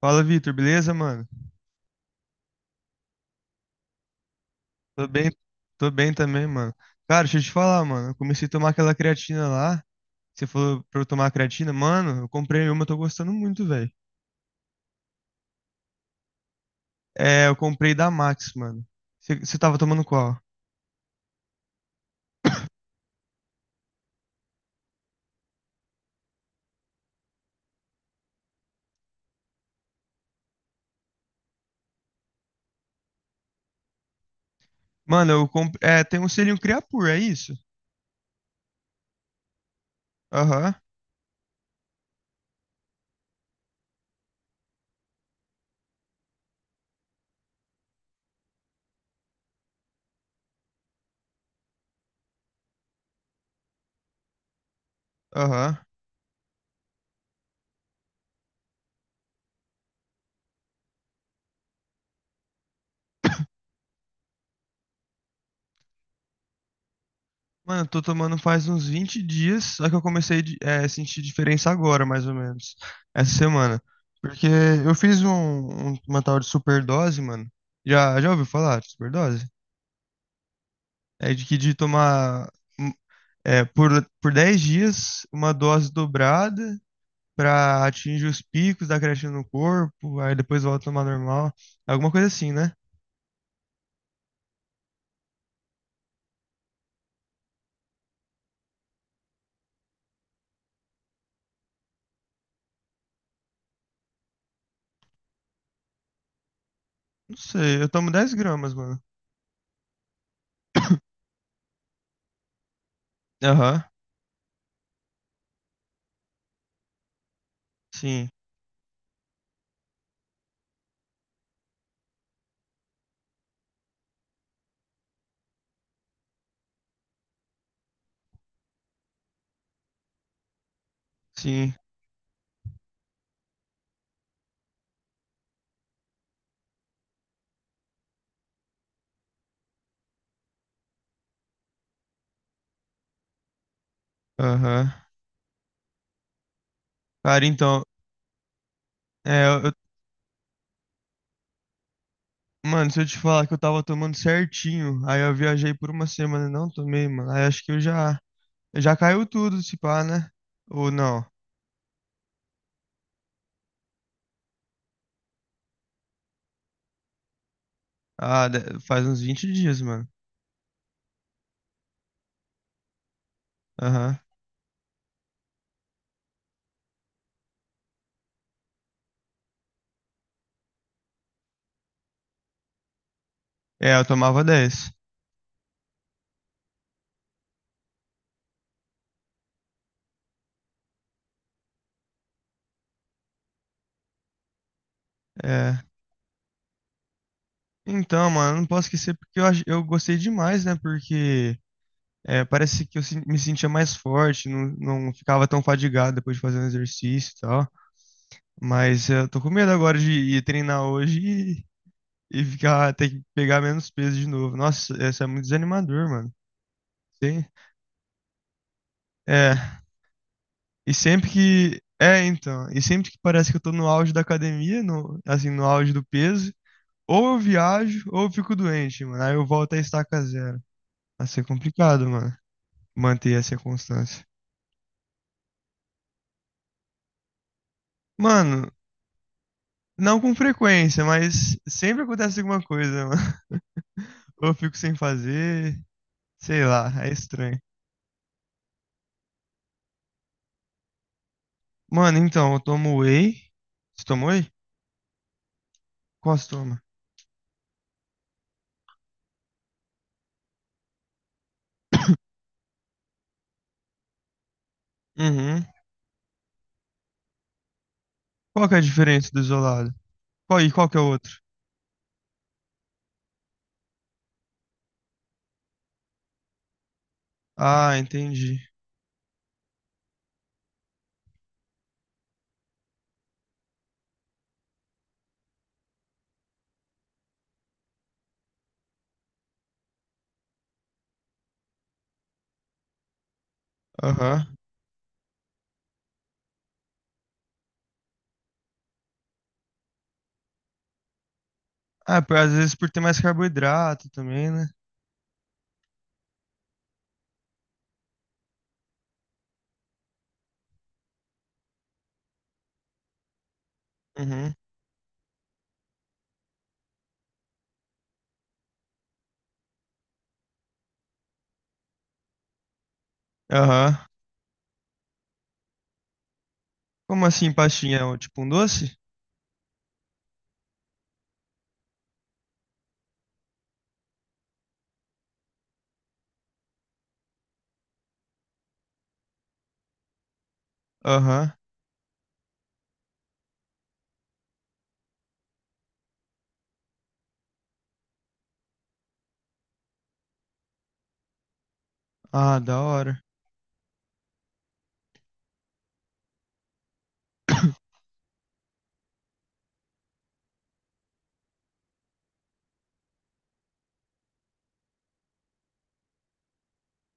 Fala, Vitor, beleza, mano? Tô bem, tô bem também, mano. Cara, deixa eu te falar, mano. Eu comecei a tomar aquela creatina lá. Você falou pra eu tomar creatina, mano. Eu comprei uma, eu tô gostando muito, velho. É, eu comprei da Max, mano. Você tava tomando qual? Mano, eu comprei. É, tem um selinho Creapure, é isso? Aham, aham. Mano, eu tô tomando faz uns 20 dias, só que eu comecei a a sentir diferença agora, mais ou menos. Essa semana. Porque eu fiz uma tal de superdose, mano. Já ouviu falar de superdose? É de que de tomar hum, é, por, por 10 dias uma dose dobrada para atingir os picos da creatina no corpo, aí depois volta a tomar normal. Alguma coisa assim, né? Não sei, eu tomo 10 gramas, mano. Aham, sim, sim, aham. Cara, então, é, eu, eu- mano, se eu te falar que eu tava tomando certinho, aí eu viajei por uma semana e não tomei, mano, aí acho que eu já caiu tudo, se pá, né? Ou não? Ah, faz uns 20 dias, mano. Aham. É, eu tomava dez. É. Então, mano, eu não posso esquecer porque eu gostei demais, né? Porque é, parece que eu me sentia mais forte, não, não ficava tão fadigado depois de fazer um exercício e tal. Mas eu tô com medo agora de ir treinar hoje e ficar, ter que pegar menos peso de novo. Nossa, isso é muito desanimador, mano. Sim. É. E sempre que. É, então. E sempre que parece que eu tô no auge da academia, no, assim, no auge do peso. Ou eu viajo, ou eu fico doente, mano. Aí eu volto a estaca zero. Vai ser complicado, mano. Manter essa constância. Mano, não com frequência, mas sempre acontece alguma coisa, mano. Ou eu fico sem fazer, sei lá, é estranho. Mano, então, eu tomo whey. Você toma whey? Qual você toma? Uhum. Qual que é a diferença do isolado? Qual e qual que é o outro? Ah, entendi. Aham. Ah, pô, às vezes por ter mais carboidrato também, né? Uhum. Aham. Como assim, pastinha? Tipo um doce? Aham. Ah, da hora.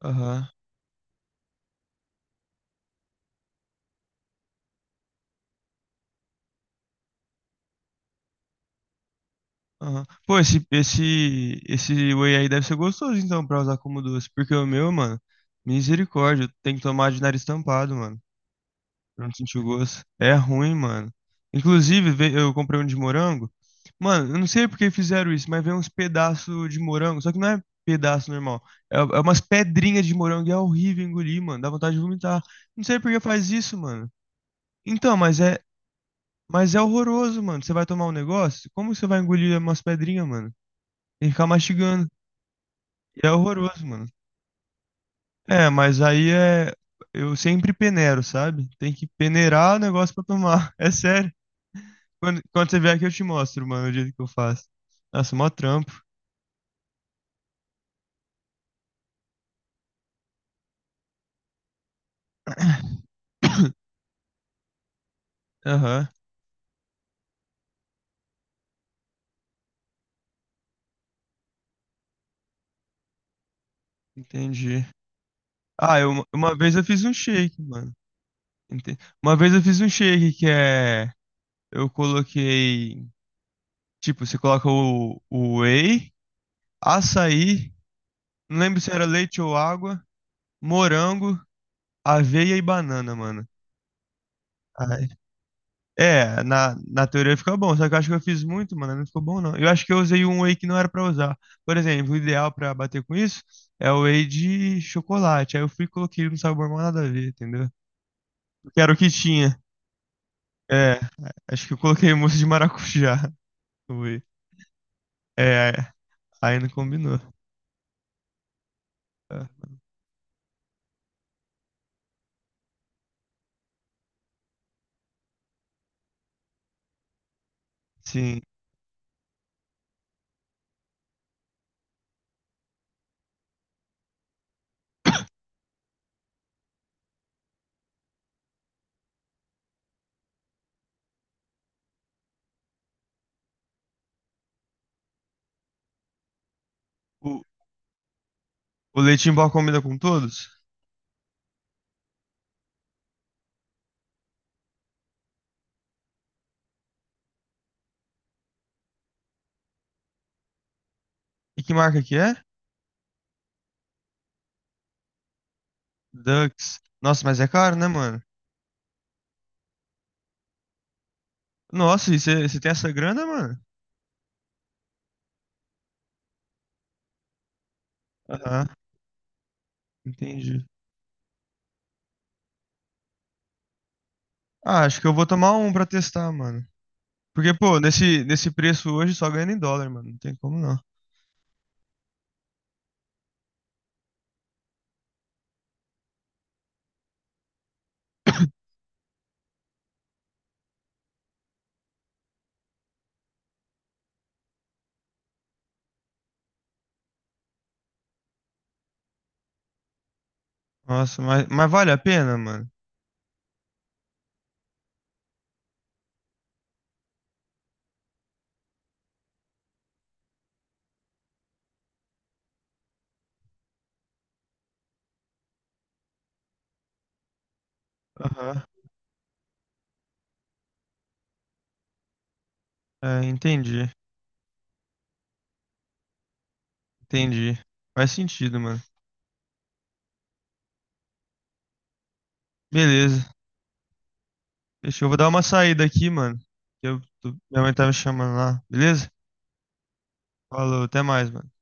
Aham. Aham. Pô, esse whey aí deve ser gostoso, então, pra usar como doce. Porque o meu, mano, misericórdia, tem que tomar de nariz tampado, mano. Pra não sentir o gosto. É ruim, mano. Inclusive, eu comprei um de morango. Mano, eu não sei por que fizeram isso, mas veio uns pedaços de morango. Só que não é pedaço normal. É umas pedrinhas de morango e é horrível engolir, mano. Dá vontade de vomitar. Não sei por que faz isso, mano. Então, mas é, mas é horroroso, mano. Você vai tomar um negócio? Como você vai engolir umas pedrinhas, mano? Tem que ficar mastigando. E é horroroso, mano. É, mas aí é. Eu sempre peneiro, sabe? Tem que peneirar o negócio pra tomar. É sério. Quando você vier aqui, eu te mostro, mano, o jeito que eu faço. Nossa, mó trampo. Aham, entendi. Ah, eu, uma vez eu fiz um shake, mano. Ente- Uma vez eu fiz um shake que é. Eu coloquei. Tipo, você coloca o whey, açaí. Não lembro se era leite ou água, morango, aveia e banana, mano. Ai. É, na teoria fica bom, só que eu acho que eu fiz muito, mano, não ficou bom não. Eu acho que eu usei um whey que não era pra usar. Por exemplo, o ideal pra bater com isso é o whey de chocolate. Aí eu fui e coloquei no sabor mal nada a ver, entendeu? Porque era o que tinha. É, acho que eu coloquei mousse de maracujá no whey. É, aí não combinou. É, sim. O, o leite em pó combina com todos? E que marca que é? Ducks. Nossa, mas é caro, né, mano? Nossa, e você tem essa grana, mano? Aham, entendi. Ah, acho que eu vou tomar um pra testar, mano. Porque, pô, nesse preço hoje só ganha em dólar, mano. Não tem como não. Nossa, mas vale a pena, mano? Aham. É, entendi. Entendi. Faz sentido, mano. Beleza. Deixa eu vou dar uma saída aqui, mano. Minha mãe tá me chamando lá. Beleza? Falou, até mais, mano.